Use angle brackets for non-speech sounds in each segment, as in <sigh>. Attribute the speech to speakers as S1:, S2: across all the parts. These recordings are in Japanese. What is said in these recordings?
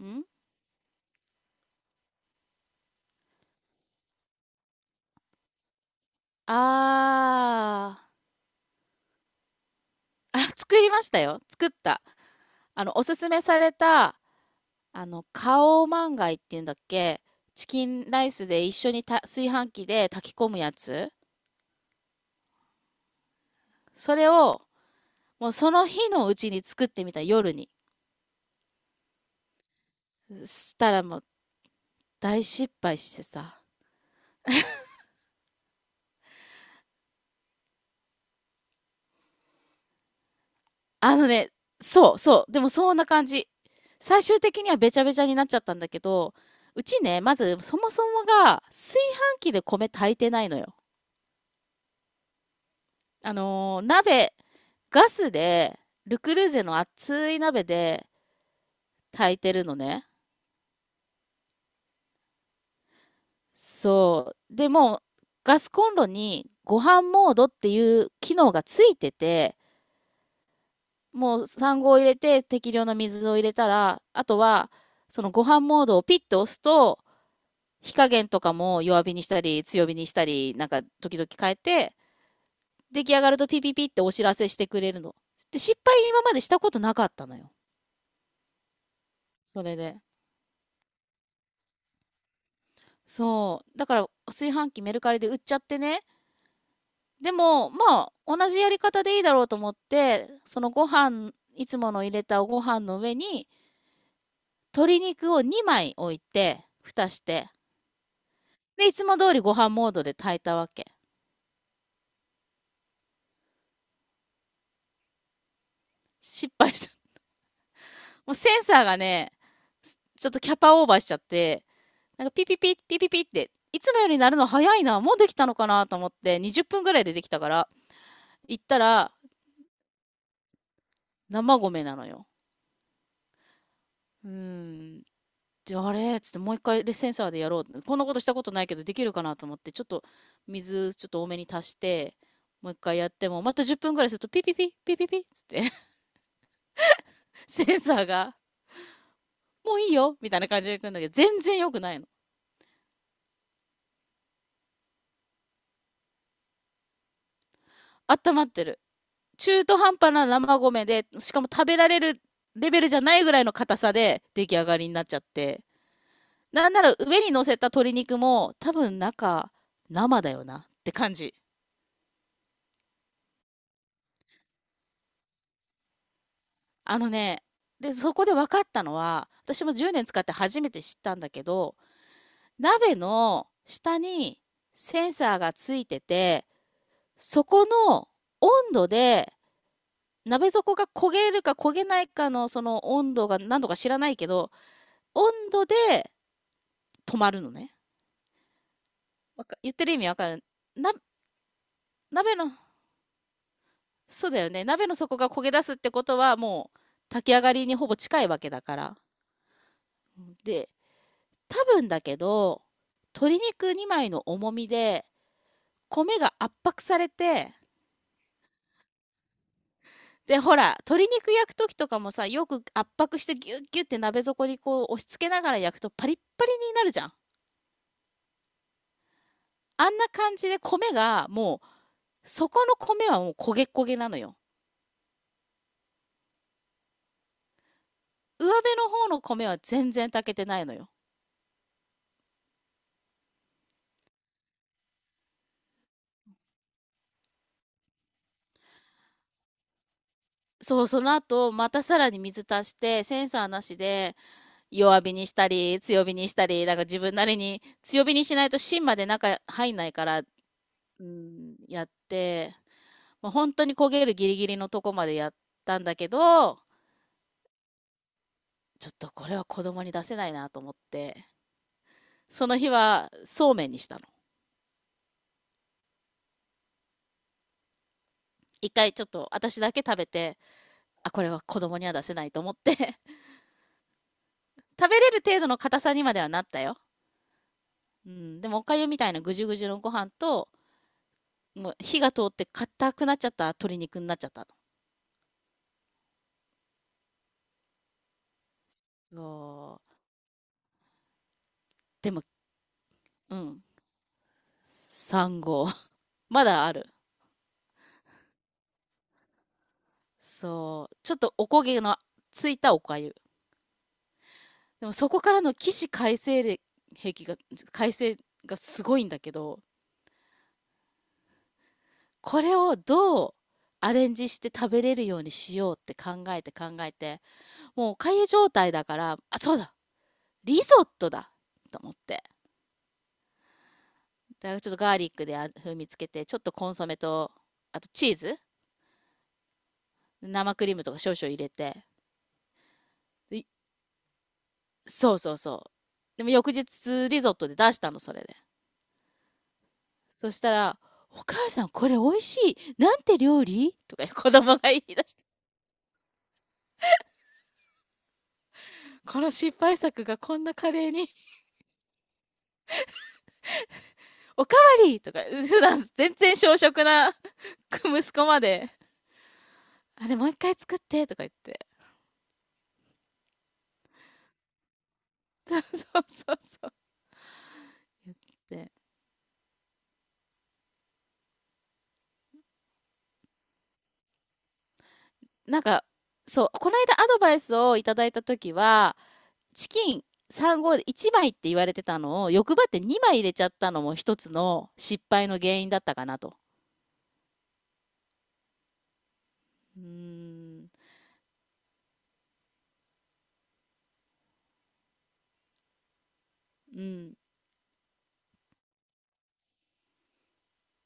S1: んあー<laughs> 作りましたよ。作った。あの、おすすめされた、あの、カオマンガイっていうんだっけ。チキンライスで一緒に炊飯器で炊き込むやつ、それを、もうその日のうちに作ってみた、夜に。したらもう大失敗してさ。あのね、そうそう。でもそんな感じ。最終的にはべちゃべちゃになっちゃったんだけど、うちね、まずそもそもが炊飯器で米炊いてないのよ。あのー、鍋、ガスで、ルクルーゼの熱い鍋で炊いてるのね。そう。でもガスコンロにご飯モードっていう機能がついてて、もう産後を入れて適量な水を入れたら、あとは、そのご飯モードをピッと押すと、火加減とかも弱火にしたり、強火にしたり、なんか時々変えて、出来上がるとピピピってお知らせしてくれるの。で、失敗今までしたことなかったのよ。それで。そう。だから、炊飯器メルカリで売っちゃってね。でも、まあ、同じやり方でいいだろうと思って、そのご飯、いつもの入れたご飯の上に、鶏肉を2枚置いて、蓋して。で、いつも通りご飯モードで炊いたわけ。失敗した。<laughs> もうセンサーがね、ちょっとキャパオーバーしちゃって、なんかピピピ、ピピピって、いつもよりなるの早いな、もうできたのかなと思って、20分ぐらいでできたから、行ったら、生米なのよ。うーん。でちょっともう一回でセンサーでやろう。こんなことしたことないけど、できるかなと思って、ちょっと水ちょっと多めに足して、もう一回やっても、また10分ぐらいすると、ピピピ、ピピピっつって、<laughs> センサーが、もういいよみたいな感じで来るんだけど、全然良くないの。温まってる。中途半端な生米で、しかも食べられるレベルじゃないぐらいの硬さで出来上がりになっちゃって。なんなら上に乗せた鶏肉も、多分中、生だよなって感じ。あのね、で、そこで分かったのは、私も10年使って初めて知ったんだけど、鍋の下にセンサーがついてて、そこの温度で、鍋底が焦げるか焦げないかのその温度が何度か知らないけど、温度で止まるのね。わ言ってる意味わかる？な、鍋の、そうだよね。鍋の底が焦げ出すってことはもう炊き上がりにほぼ近いわけだから。で、多分だけど、鶏肉2枚の重みで、米が圧迫されて、で、ほら、鶏肉焼くときとかもさ、よく圧迫してギュッギュッて鍋底にこう押し付けながら焼くとパリッパリになるじゃん。あんな感じで米がそこの米はもう焦げ焦げなのよ。上辺の方の米は全然炊けてないのよ。そう、その後、またさらに水足して、センサーなしで、弱火にしたり、強火にしたり、なんか自分なりに、強火にしないと芯まで中入んないから、うん、やって、もう本当に焦げるギリギリのとこまでやったんだけど、ちょっとこれは子供に出せないなと思って、その日はそうめんにしたの。一回ちょっと私だけ食べて、あ、これは子供には出せないと思って <laughs> 食べれる程度の硬さにまではなったよ。うん、でもおかゆみたいなぐじゅぐじゅのご飯と、もう火が通って硬くなっちゃった鶏肉になっちゃったの。もうでも、うん、3合 <laughs> まだある。そう、ちょっとおこげのついたお粥。でもそこからの起死回生で、兵器が回生がすごいんだけど、これをどうアレンジして食べれるようにしようって考えて考えて、もうおかゆ状態だから、あ、そうだ、リゾットだと思って、だからちょっとガーリックで風味つけて、ちょっとコンソメと、あとチーズ、生クリームとか少々入れて、いそうそうそう、でも翌日リゾットで出したの、それで、そしたら、お母さんこれ美味しい。なんて料理とか子供が言い出した。この失敗作がこんなカレーに、おかわりとか、普段全然小食な息子まで、あれもう一回作ってとか言って。そうそうそう。で、なんか、そう、この間アドバイスをいただいた時は、チキン3号で1枚って言われてたのを欲張って2枚入れちゃったのも一つの失敗の原因だったかなと。うーん、うん、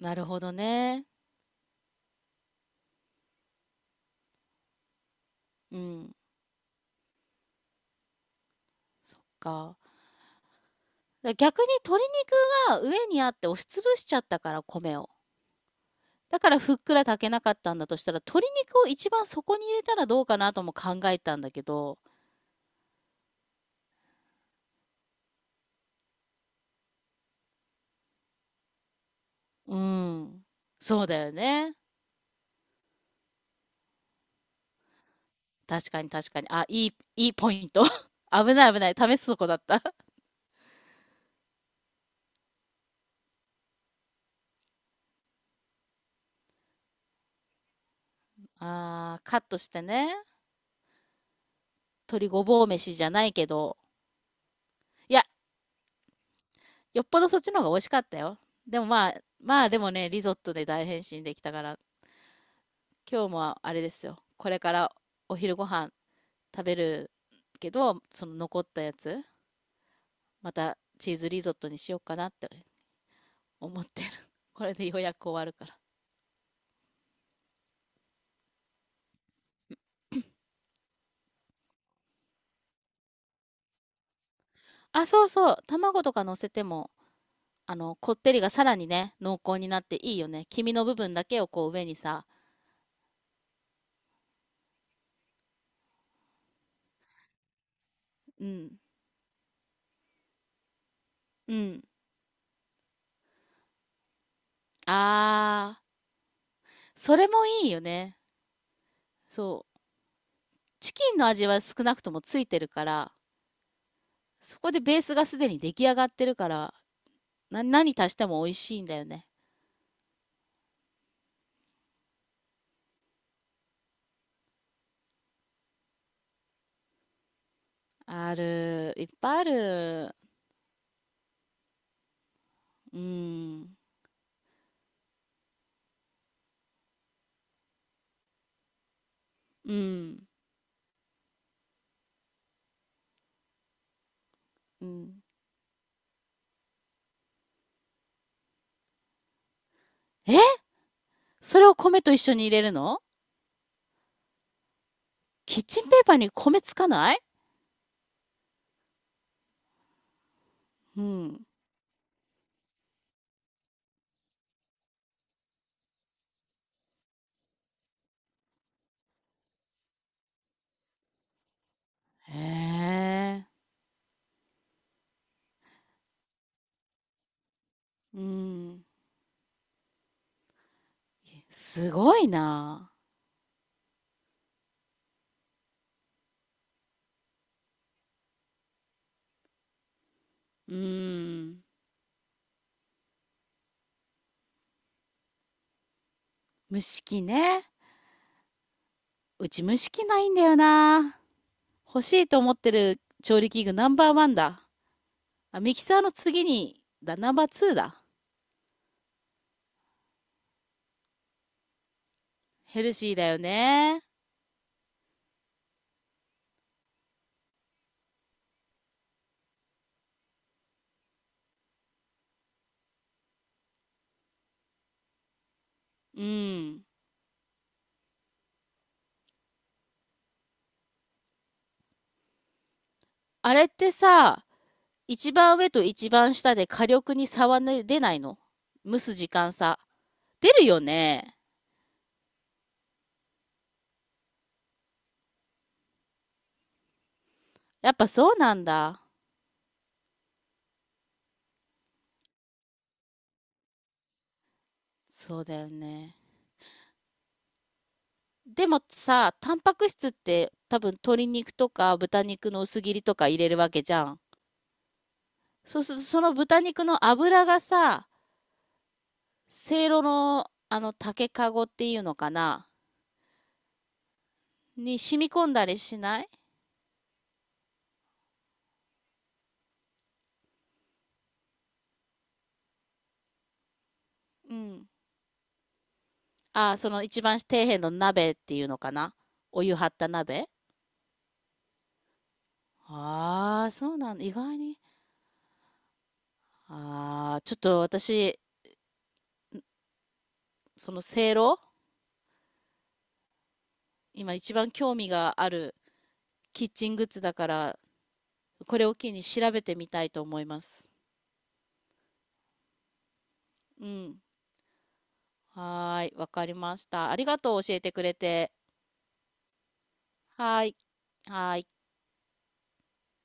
S1: なるほどね。うん、そっか。逆に鶏肉が上にあって押しつぶしちゃったから米を。だからふっくら炊けなかったんだとしたら、鶏肉を一番底に入れたらどうかなとも考えたんだけど、うん。そうだよね。確かに確かに。あ、いい、いいポイント。<laughs> 危ない危ない。試すとこだった。あー、カットしてね。鶏ごぼう飯じゃないけど。いや、よっぽどそっちの方が美味しかったよ。でもまあ、まあでもね、リゾットで大変身できたから、今日もあれですよ。これからお昼ご飯食べるけど、その残ったやつ、またチーズリゾットにしようかなって思ってる。<laughs> これでようやく終わるから。あ、そうそう。卵とか乗せても、あの、こってりがさらにね、濃厚になっていいよね。黄身の部分だけをこう上にさ。うん。うん。あー。それもいいよね。そう。チキンの味は少なくともついてるから、そこでベースがすでに出来上がってるから、何足しても美味しいんだよね。ある、いっぱいある。うん、うん、うん。え、それを米と一緒に入れるの？キッチンペーパーに米つかない？うん。へえ。うん。すごいな。うん。蒸し器ね。うち蒸し器ないんだよな。欲しいと思ってる調理器具ナンバーワンだ。あ、ミキサーの次に、ナンバーツーだ。ヘルシーだよね。うん。あれってさ、一番上と一番下で火力に差はね出ないの？蒸す時間差。出るよね。やっぱそうなんだ。そうだよね。でもさ、タンパク質って多分鶏肉とか豚肉の薄切りとか入れるわけじゃん。そうするとその豚肉の脂がさ、せいろのあの竹かごっていうのかな、に染み込んだりしない？うん。あ、その一番底辺の鍋っていうのかな、お湯張った鍋。ああ、そうなんだ。意外に。ああ、ちょっと私、そのせいろ、今一番興味があるキッチングッズだから、これを機に調べてみたいと思います。うん。はーい、わかりました。ありがとう、教えてくれて。はーい、はーい。